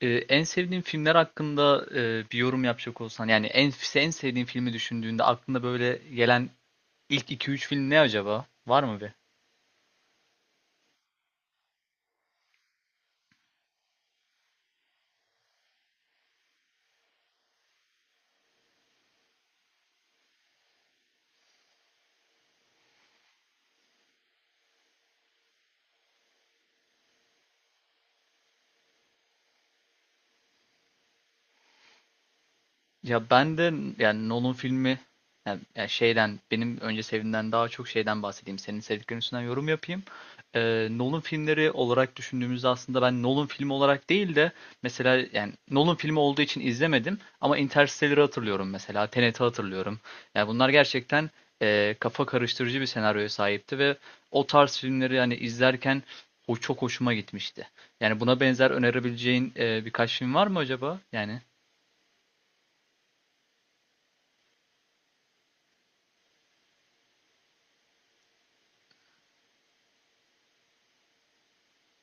En sevdiğin filmler hakkında bir yorum yapacak olsan, yani en sevdiğin filmi düşündüğünde aklında böyle gelen ilk 2-3 film ne acaba? Var mı? Ya ben de, yani Nolan filmi, yani şeyden, benim önce sevdiğimden daha çok şeyden bahsedeyim. Senin sevdiklerin üstünden yorum yapayım. Nolan filmleri olarak düşündüğümüzde aslında ben Nolan filmi olarak değil de, mesela yani Nolan filmi olduğu için izlemedim ama Interstellar'ı hatırlıyorum mesela. Tenet'i hatırlıyorum. Yani bunlar gerçekten kafa karıştırıcı bir senaryoya sahipti ve o tarz filmleri yani izlerken o çok hoşuma gitmişti. Yani buna benzer önerebileceğin birkaç film var mı acaba? Yani,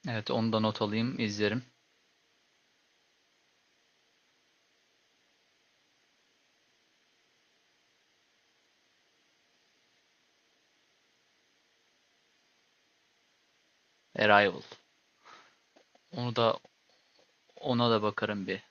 evet, onu da not alayım, izlerim. Arrival. Onu da, ona da bakarım bir.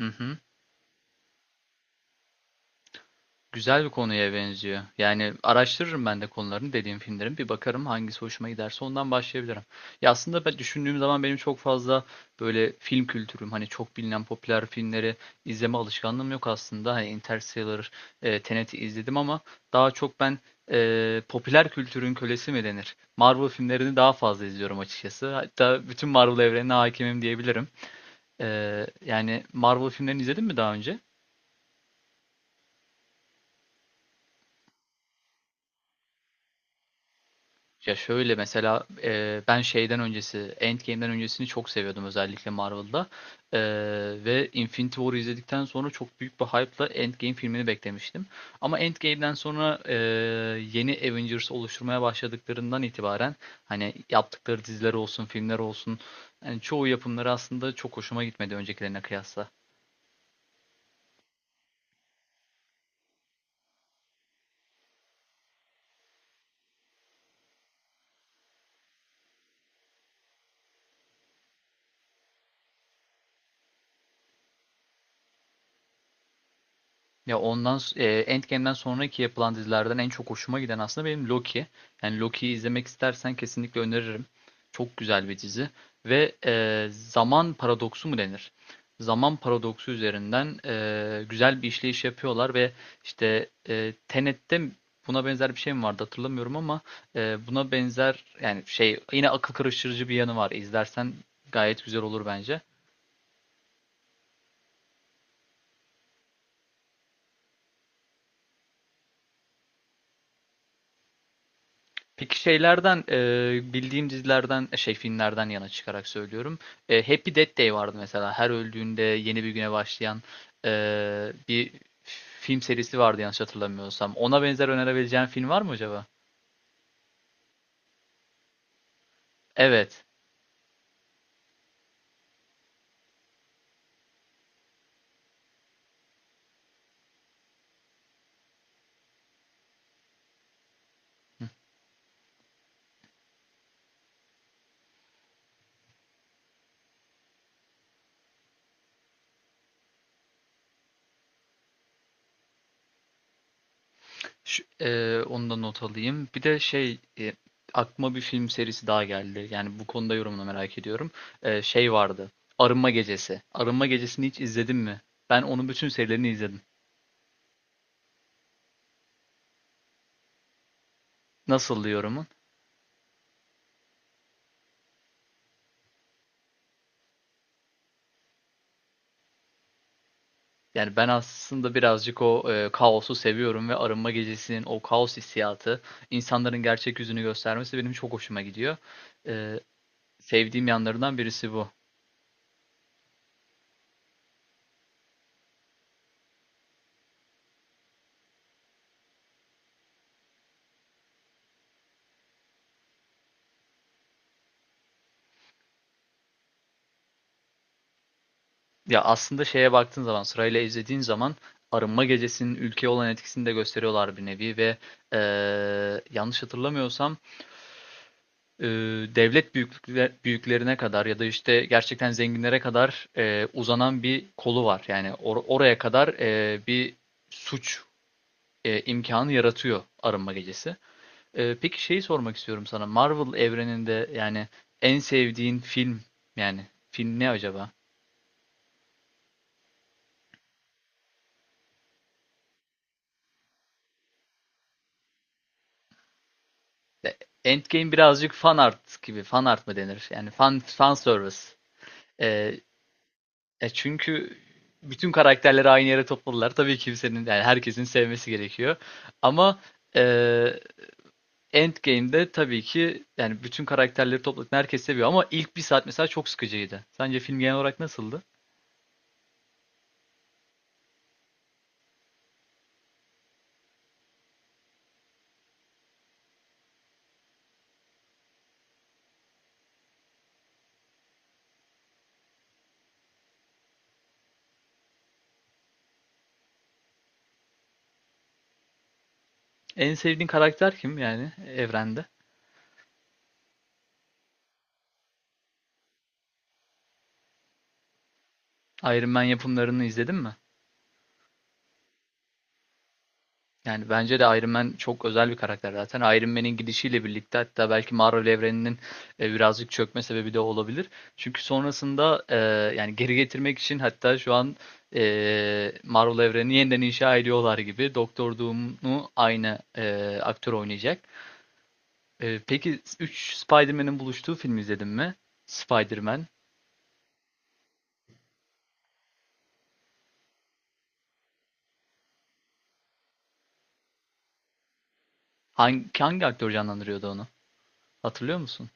Hı hı. Güzel bir konuya benziyor. Yani araştırırım ben de konularını dediğim filmlerin. Bir bakarım, hangisi hoşuma giderse ondan başlayabilirim. Ya aslında ben düşündüğüm zaman benim çok fazla böyle film kültürüm, hani çok bilinen popüler filmleri izleme alışkanlığım yok aslında. Hani Interstellar, Tenet'i izledim ama daha çok ben popüler kültürün kölesi mi denir? Marvel filmlerini daha fazla izliyorum açıkçası. Hatta bütün Marvel evrenine hakimim diyebilirim. Yani Marvel filmlerini izledin mi daha önce? Ya şöyle mesela, ben şeyden öncesi, Endgame'den öncesini çok seviyordum özellikle Marvel'da. Ee, Ve Infinity War'ı izledikten sonra çok büyük bir hype'la Endgame filmini beklemiştim. Ama Endgame'den sonra, yeni Avengers oluşturmaya başladıklarından itibaren hani yaptıkları diziler olsun, filmler olsun, yani çoğu yapımları aslında çok hoşuma gitmedi öncekilerine kıyasla. Ya ondan Endgame'den sonraki yapılan dizilerden en çok hoşuma giden aslında benim Loki. Yani Loki'yi izlemek istersen kesinlikle öneririm. Çok güzel bir dizi ve zaman paradoksu mu denir? Zaman paradoksu üzerinden güzel bir işleyiş yapıyorlar ve işte Tenet'te buna benzer bir şey mi vardı hatırlamıyorum ama buna benzer, yani şey, yine akıl karıştırıcı bir yanı var. İzlersen gayet güzel olur bence. Peki şeylerden, bildiğim dizilerden, şey, filmlerden yana çıkarak söylüyorum. Happy Death Day vardı mesela. Her öldüğünde yeni bir güne başlayan bir film serisi vardı yanlış hatırlamıyorsam. Ona benzer önerebileceğin film var mı acaba? Evet. Şu, onu da not alayım. Bir de şey, aklıma bir film serisi daha geldi. Yani bu konuda yorumunu merak ediyorum. Şey vardı. Arınma Gecesi. Arınma Gecesi'ni hiç izledin mi? Ben onun bütün serilerini izledim. Nasıl yorumun? Yani ben aslında birazcık o, kaosu seviyorum ve arınma gecesinin o kaos hissiyatı, insanların gerçek yüzünü göstermesi benim çok hoşuma gidiyor. Eee, Sevdiğim yanlarından birisi bu. Ya aslında şeye baktığın zaman, sırayla izlediğin zaman arınma gecesinin ülkeye olan etkisini de gösteriyorlar bir nevi ve yanlış hatırlamıyorsam eee, devlet büyüklerine kadar ya da işte gerçekten zenginlere kadar uzanan bir kolu var. Yani oraya kadar bir suç imkanı yaratıyor Arınma Gecesi. Peki şeyi sormak istiyorum sana. Marvel evreninde, yani en sevdiğin film, yani film ne acaba? E, Endgame birazcık fan art gibi. Fan art mı denir? Yani fan service. E, Çünkü bütün karakterleri aynı yere topladılar. Tabii kimsenin, yani herkesin sevmesi gerekiyor. Ama e, Endgame'de tabii ki, yani bütün karakterleri topladın, herkes seviyor ama ilk bir saat mesela çok sıkıcıydı. Sence film genel olarak nasıldı? En sevdiğin karakter kim, yani evrende? Iron Man yapımlarını izledin mi? Yani bence de Iron Man çok özel bir karakter zaten. Iron Man'in gidişiyle birlikte hatta belki Marvel evreninin birazcık çökme sebebi de olabilir. Çünkü sonrasında, yani geri getirmek için hatta şu an Marvel evrenini yeniden inşa ediyorlar gibi. Doktor Doom'u aynı aktör oynayacak. Peki 3 Spider-Man'in buluştuğu filmi izledin mi? Spider-Man. Hangi aktör canlandırıyordu onu? Hatırlıyor musun?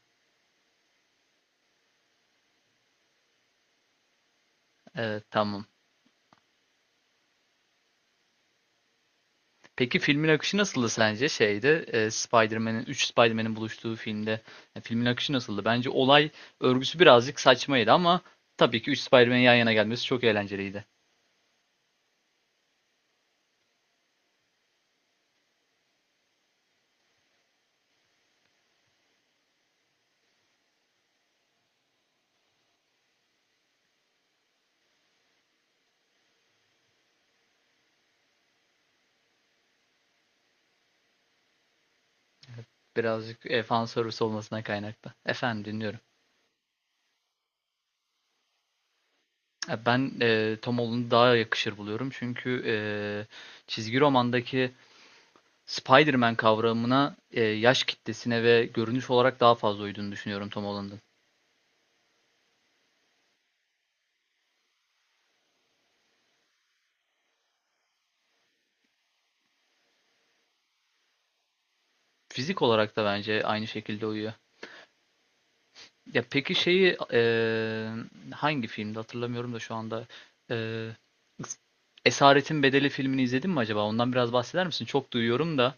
Evet, tamam. Peki filmin akışı nasıldı sence şeyde, Spider-Man'in, 3 Spider-Man'in buluştuğu filmde, filmin akışı nasıldı? Bence olay örgüsü birazcık saçmaydı ama tabii ki 3 Spider-Man'in yan yana gelmesi çok eğlenceliydi. Birazcık fan service olmasına kaynaklı. Efendim, dinliyorum. Ben Tom Holland'ı daha yakışır buluyorum çünkü çizgi romandaki Spider-Man kavramına, yaş kitlesine ve görünüş olarak daha fazla uyduğunu düşünüyorum Tom Holland'ın. Fizik olarak da bence aynı şekilde uyuyor. Ya peki şeyi, hangi filmde hatırlamıyorum da şu anda, eee, Esaretin Bedeli filmini izledin mi acaba? Ondan biraz bahseder misin? Çok duyuyorum da.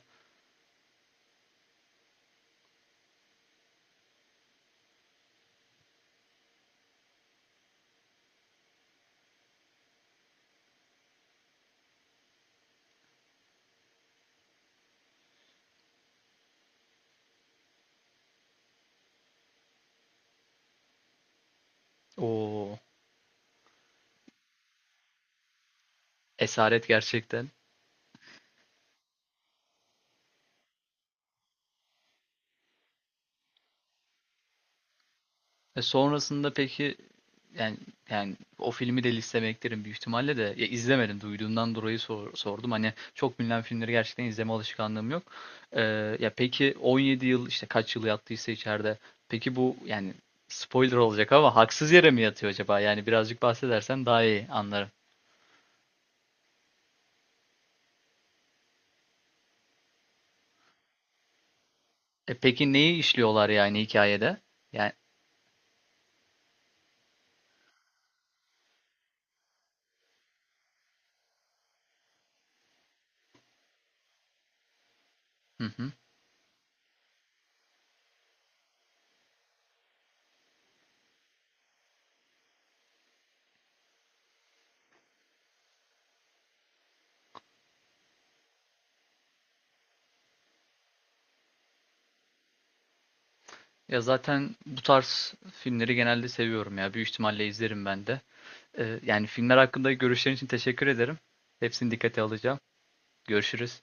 O esaret gerçekten. E sonrasında peki, yani, yani o filmi de listeme eklerim büyük ihtimalle de. Ya izlemedim, duyduğumdan dolayı sordum. Hani çok bilinen filmleri gerçekten izleme alışkanlığım yok. Ee, Ya peki 17 yıl işte kaç yıl yattıysa içeride. Peki bu, yani spoiler olacak ama haksız yere mi yatıyor acaba? Yani birazcık bahsedersen daha iyi anlarım. E peki neyi işliyorlar yani hikayede? Yani, hı hı. Ya zaten bu tarz filmleri genelde seviyorum ya. Büyük ihtimalle izlerim ben de. Yani filmler hakkında görüşlerin için teşekkür ederim. Hepsini dikkate alacağım. Görüşürüz.